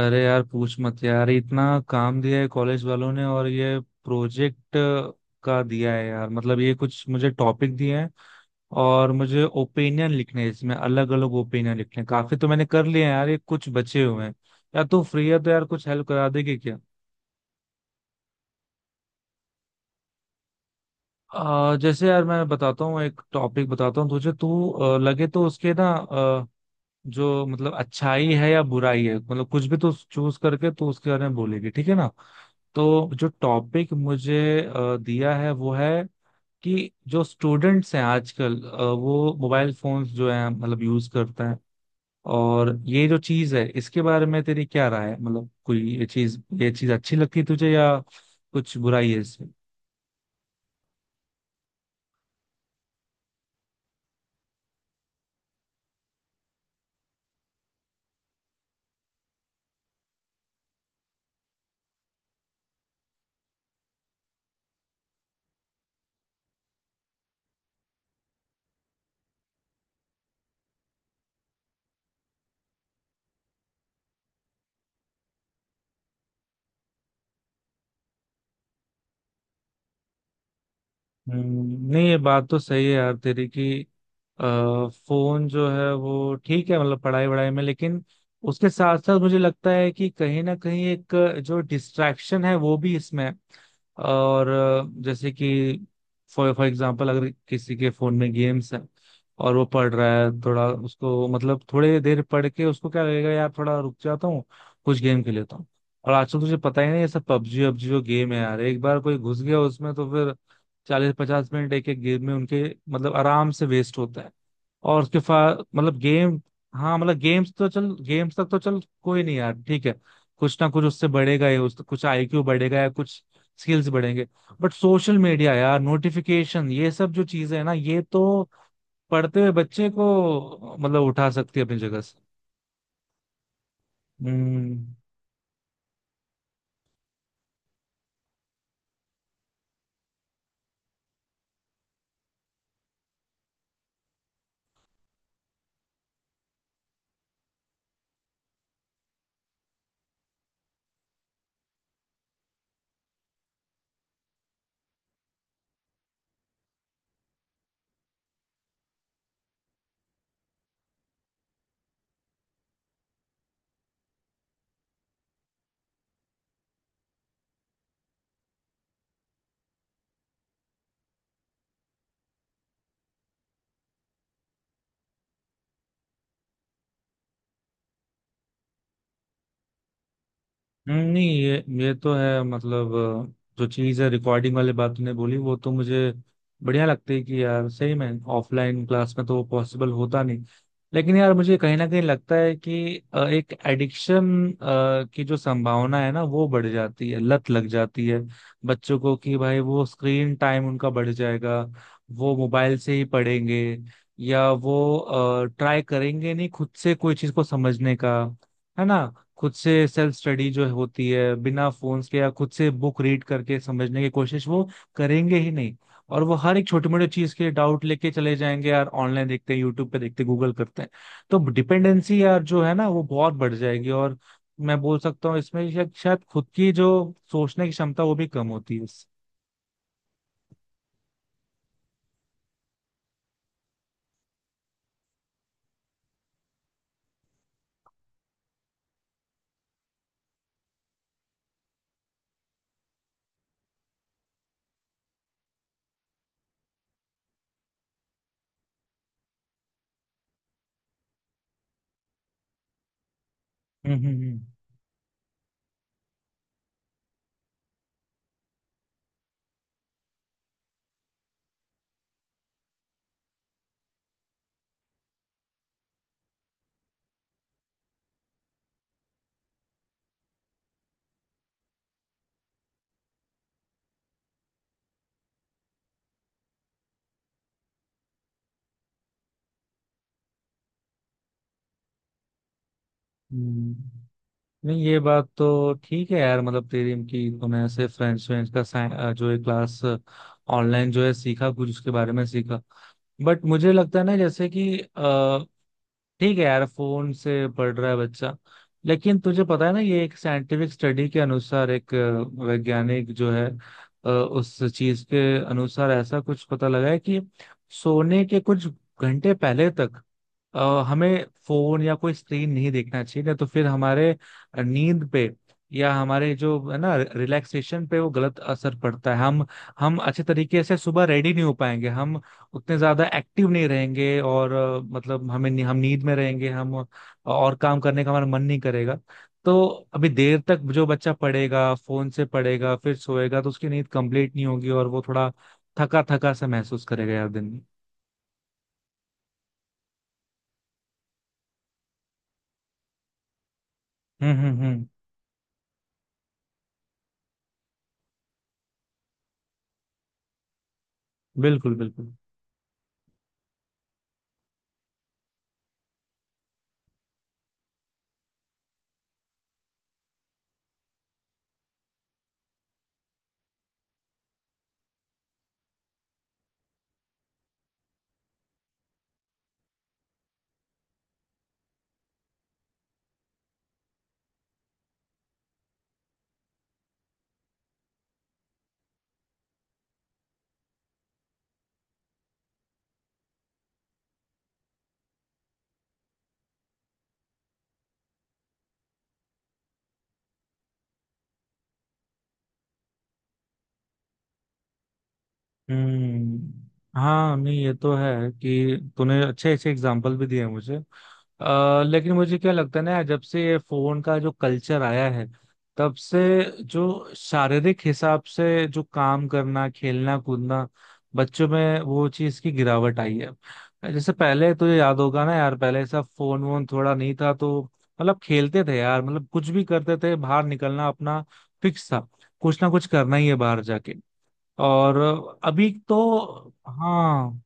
अरे यार पूछ मत यार, इतना काम दिया है कॉलेज वालों ने। और ये प्रोजेक्ट का दिया है यार, मतलब ये कुछ मुझे टॉपिक दिए हैं और मुझे ओपिनियन लिखने हैं इसमें, अलग अलग ओपिनियन लिखने हैं। काफी तो मैंने कर लिए हैं यार, ये कुछ बचे हुए हैं। यार तू फ्री है तो यार कुछ हेल्प करा देगी क्या? जैसे यार मैं बताता हूँ, एक टॉपिक बताता हूँ तुझे। तू लगे तो उसके, ना जो मतलब अच्छाई है या बुराई है, मतलब कुछ भी तो चूज करके तो उसके बारे में बोलेगी। ठीक है ना? तो जो टॉपिक मुझे दिया है वो है कि जो स्टूडेंट्स हैं आजकल वो मोबाइल फोन्स जो हैं मतलब यूज करते हैं, और ये जो चीज है इसके बारे में तेरी क्या राय है? मतलब कोई ये चीज अच्छी लगती है तुझे, या कुछ बुराई है? नहीं ये बात तो सही है यार तेरी, कि अ, फोन जो है वो ठीक है मतलब पढ़ाई वढ़ाई में। लेकिन उसके साथ साथ मुझे लगता है कि कहीं ना कहीं एक जो डिस्ट्रैक्शन है वो भी इसमें है। और जैसे कि फॉर फॉर एग्जांपल, अगर किसी के फोन में गेम्स है और वो पढ़ रहा है थोड़ा, उसको मतलब थोड़ी देर पढ़ के उसको क्या लगेगा यार, थोड़ा रुक जाता हूँ कुछ गेम खेल लेता हूँ। और आजकल तुझे पता ही नहीं, ये सब पबजी वबजी जो गेम है यार, एक बार कोई घुस गया उसमें तो फिर 40-50 मिनट एक एक गेम में उनके मतलब आराम से वेस्ट होता है। और उसके फा मतलब गेम। हाँ मतलब गेम्स तो चल, गेम्स तक तो चल कोई नहीं यार, ठीक है। कुछ ना कुछ उससे बढ़ेगा ही, उस कुछ आईक्यू बढ़ेगा या कुछ स्किल्स बढ़ेंगे। बट सोशल मीडिया यार, नोटिफिकेशन, ये सब जो चीजें है ना, ये तो पढ़ते हुए बच्चे को मतलब उठा सकती है अपनी जगह से। हम्म नहीं ये तो है। मतलब जो चीज़ है रिकॉर्डिंग वाली बात तूने बोली, वो तो मुझे बढ़िया लगती है कि यार सही में। ऑफलाइन क्लास में तो वो पॉसिबल होता नहीं। लेकिन यार मुझे कहीं ना कहीं लगता है कि एक एडिक्शन की जो संभावना है ना वो बढ़ जाती है, लत लग जाती है बच्चों को कि भाई, वो स्क्रीन टाइम उनका बढ़ जाएगा, वो मोबाइल से ही पढ़ेंगे, या वो ट्राई करेंगे नहीं खुद से कोई चीज़ को समझने का। है ना? खुद से सेल्फ स्टडी जो होती है बिना फोन्स के, या खुद से बुक रीड करके समझने की कोशिश, वो करेंगे ही नहीं। और वो हर एक छोटी मोटी चीज के डाउट लेके चले जाएंगे यार, ऑनलाइन देखते हैं, यूट्यूब पे देखते हैं, गूगल करते हैं। तो डिपेंडेंसी यार जो है ना, वो बहुत बढ़ जाएगी। और मैं बोल सकता हूँ इसमें शायद शायद खुद की जो सोचने की क्षमता, वो भी कम होती है इससे। हम्म हम्म हम्म हम्म। नहीं ये बात तो ठीक है यार, मतलब तेरी, कि तूने ऐसे फ्रेंच फ्रेंच का जो है क्लास ऑनलाइन जो है सीखा, कुछ उसके बारे में सीखा। बट मुझे लगता है ना, जैसे कि ठीक है यार फोन से पढ़ रहा है बच्चा, लेकिन तुझे पता है ना, ये एक साइंटिफिक स्टडी के अनुसार, एक वैज्ञानिक जो है उस चीज के अनुसार ऐसा कुछ पता लगा है कि सोने के कुछ घंटे पहले तक हमें फोन या कोई स्क्रीन नहीं देखना चाहिए, नहीं तो फिर हमारे नींद पे या हमारे जो है ना रिलैक्सेशन पे वो गलत असर पड़ता है। हम अच्छे तरीके से सुबह रेडी नहीं हो पाएंगे, हम उतने ज्यादा एक्टिव नहीं रहेंगे, और मतलब हमें, हम नींद में रहेंगे, हम, और काम करने का हमारा मन नहीं करेगा। तो अभी देर तक जो बच्चा पढ़ेगा, फोन से पढ़ेगा फिर सोएगा, तो उसकी नींद कंप्लीट नहीं होगी और वो थोड़ा थका थका सा महसूस करेगा यार दिन में। हम्म हम्म हम्म बिल्कुल बिल्कुल। हाँ, नहीं ये तो है कि तूने अच्छे अच्छे एग्जाम्पल भी दिए मुझे। लेकिन मुझे क्या लगता है ना, जब से ये फोन का जो कल्चर आया है, तब से जो शारीरिक हिसाब से जो काम करना, खेलना कूदना बच्चों में, वो चीज की गिरावट आई है। जैसे पहले तुझे याद होगा ना यार, पहले सब फोन वोन थोड़ा नहीं था, तो मतलब खेलते थे यार, मतलब कुछ भी करते थे, बाहर निकलना अपना फिक्स था, कुछ ना कुछ करना ही है बाहर जाके। और अभी तो, हाँ,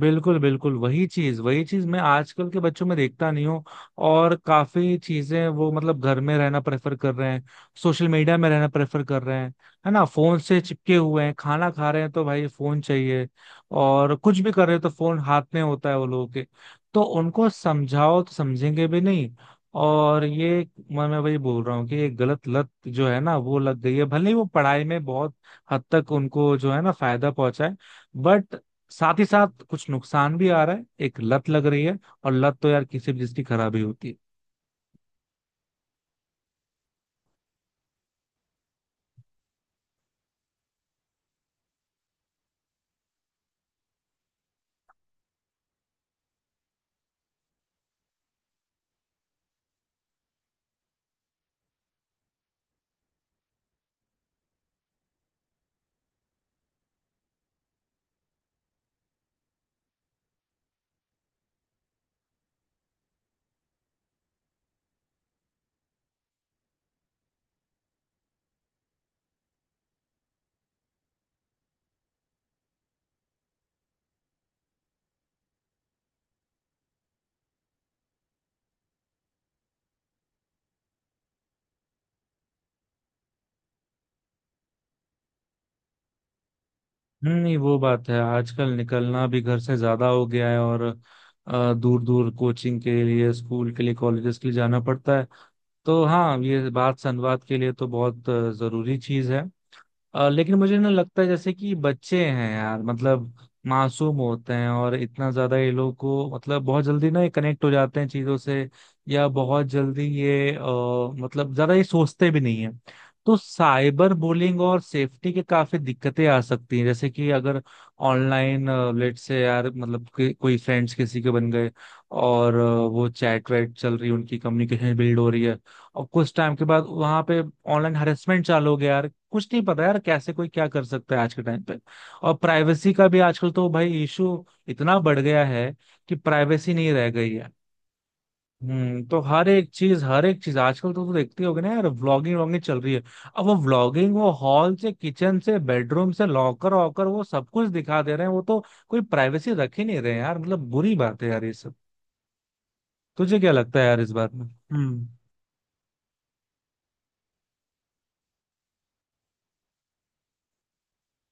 बिल्कुल बिल्कुल, वही चीज मैं आजकल के बच्चों में देखता नहीं हूँ। और काफी चीजें वो मतलब घर में रहना प्रेफर कर रहे हैं, सोशल मीडिया में रहना प्रेफर कर रहे हैं, है ना, फोन से चिपके हुए हैं, खाना खा रहे हैं तो भाई फोन चाहिए, और कुछ भी कर रहे हैं तो फोन हाथ में होता है वो लोगों के। तो उनको समझाओ तो समझेंगे भी नहीं। और ये मैं वही बोल रहा हूँ कि ये गलत लत जो है ना वो लग गई है, भले ही वो पढ़ाई में बहुत हद तक उनको जो है ना फायदा पहुंचाए, बट साथ ही साथ कुछ नुकसान भी आ रहा है, एक लत लग रही है। और लत तो यार किसी भी चीज की खराबी होती है। नहीं, वो बात है, आजकल निकलना भी घर से ज्यादा हो गया है, और दूर दूर कोचिंग के लिए, स्कूल के लिए, कॉलेजेस के लिए जाना पड़ता है, तो हाँ ये बात संवाद के लिए तो बहुत जरूरी चीज है। लेकिन मुझे ना लगता है, जैसे कि बच्चे हैं यार, मतलब मासूम होते हैं, और इतना ज्यादा ये लोग को मतलब बहुत जल्दी ना ये कनेक्ट हो जाते हैं चीजों से, या बहुत जल्दी ये मतलब ज्यादा ये सोचते भी नहीं है। तो साइबर बुलिंग और सेफ्टी के काफी दिक्कतें आ सकती हैं, जैसे कि अगर ऑनलाइन लेट से यार, मतलब कि कोई फ्रेंड्स किसी के बन गए, और वो चैट वैट चल रही है, उनकी कम्युनिकेशन बिल्ड हो रही है, और कुछ टाइम के बाद वहां पे ऑनलाइन हरेसमेंट चालू हो गया यार, कुछ नहीं पता यार कैसे कोई क्या कर सकता है आज के टाइम पे। और प्राइवेसी का भी आजकल तो भाई इशू इतना बढ़ गया है कि प्राइवेसी नहीं रह गई है। तो हर एक चीज आजकल तो, देखते होगे ना यार, व्लॉगिंग व्लॉगिंग चल रही है। अब वो व्लॉगिंग वो हॉल से, किचन से, बेडरूम से, लॉकर वॉकर, वो सब कुछ दिखा दे रहे हैं, वो तो कोई प्राइवेसी रख ही नहीं रहे हैं यार, मतलब बुरी बात है यार ये सब। तुझे क्या लगता है यार इस बात में?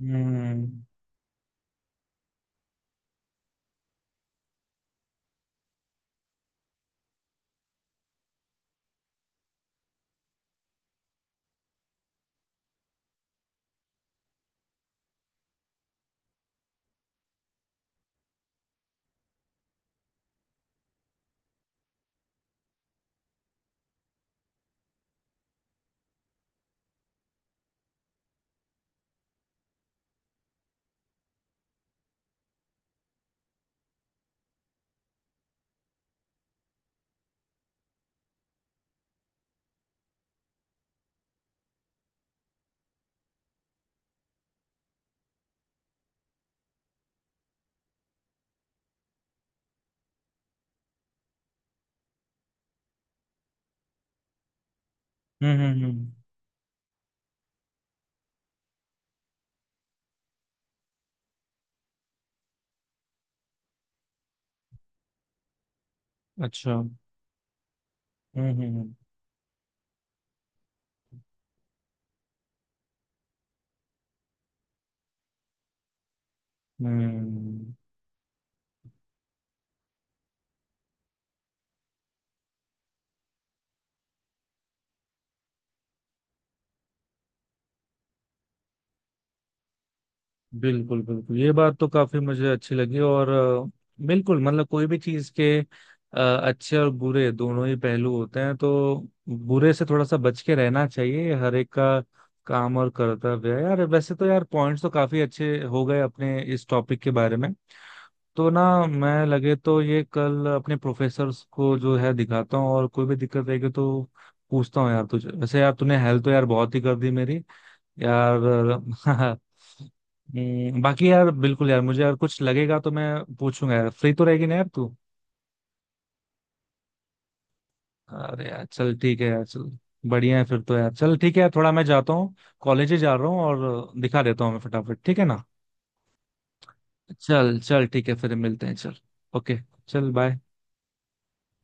हम्म हम्म हम्म हम्म, अच्छा। हम्म, हम्म। बिल्कुल बिल्कुल, ये बात तो काफी मुझे अच्छी लगी। और बिल्कुल, मतलब कोई भी चीज के अच्छे और बुरे दोनों ही पहलू होते हैं, तो बुरे से थोड़ा सा बच के रहना चाहिए, ये हर एक का काम और कर्तव्य है यार। वैसे तो यार पॉइंट्स तो काफी अच्छे हो गए अपने इस टॉपिक के बारे में। तो ना मैं, लगे तो ये कल अपने प्रोफेसर्स को जो है दिखाता हूँ, और कोई भी दिक्कत रहेगी तो पूछता हूँ यार तुझे। वैसे यार तूने हेल्प तो यार बहुत ही कर दी मेरी यार। बाकी यार बिल्कुल यार, मुझे यार कुछ लगेगा तो मैं पूछूंगा यार। फ्री तो रहेगी ना यार तू? अरे यार चल, ठीक है यार, चल। बढ़िया है फिर तो यार, चल ठीक है यार, थोड़ा मैं जाता हूँ, कॉलेज ही जा रहा हूँ और दिखा देता हूँ मैं फटाफट। ठीक है ना? चल चल, ठीक है, फिर मिलते हैं, चल। ओके। चल, बाय।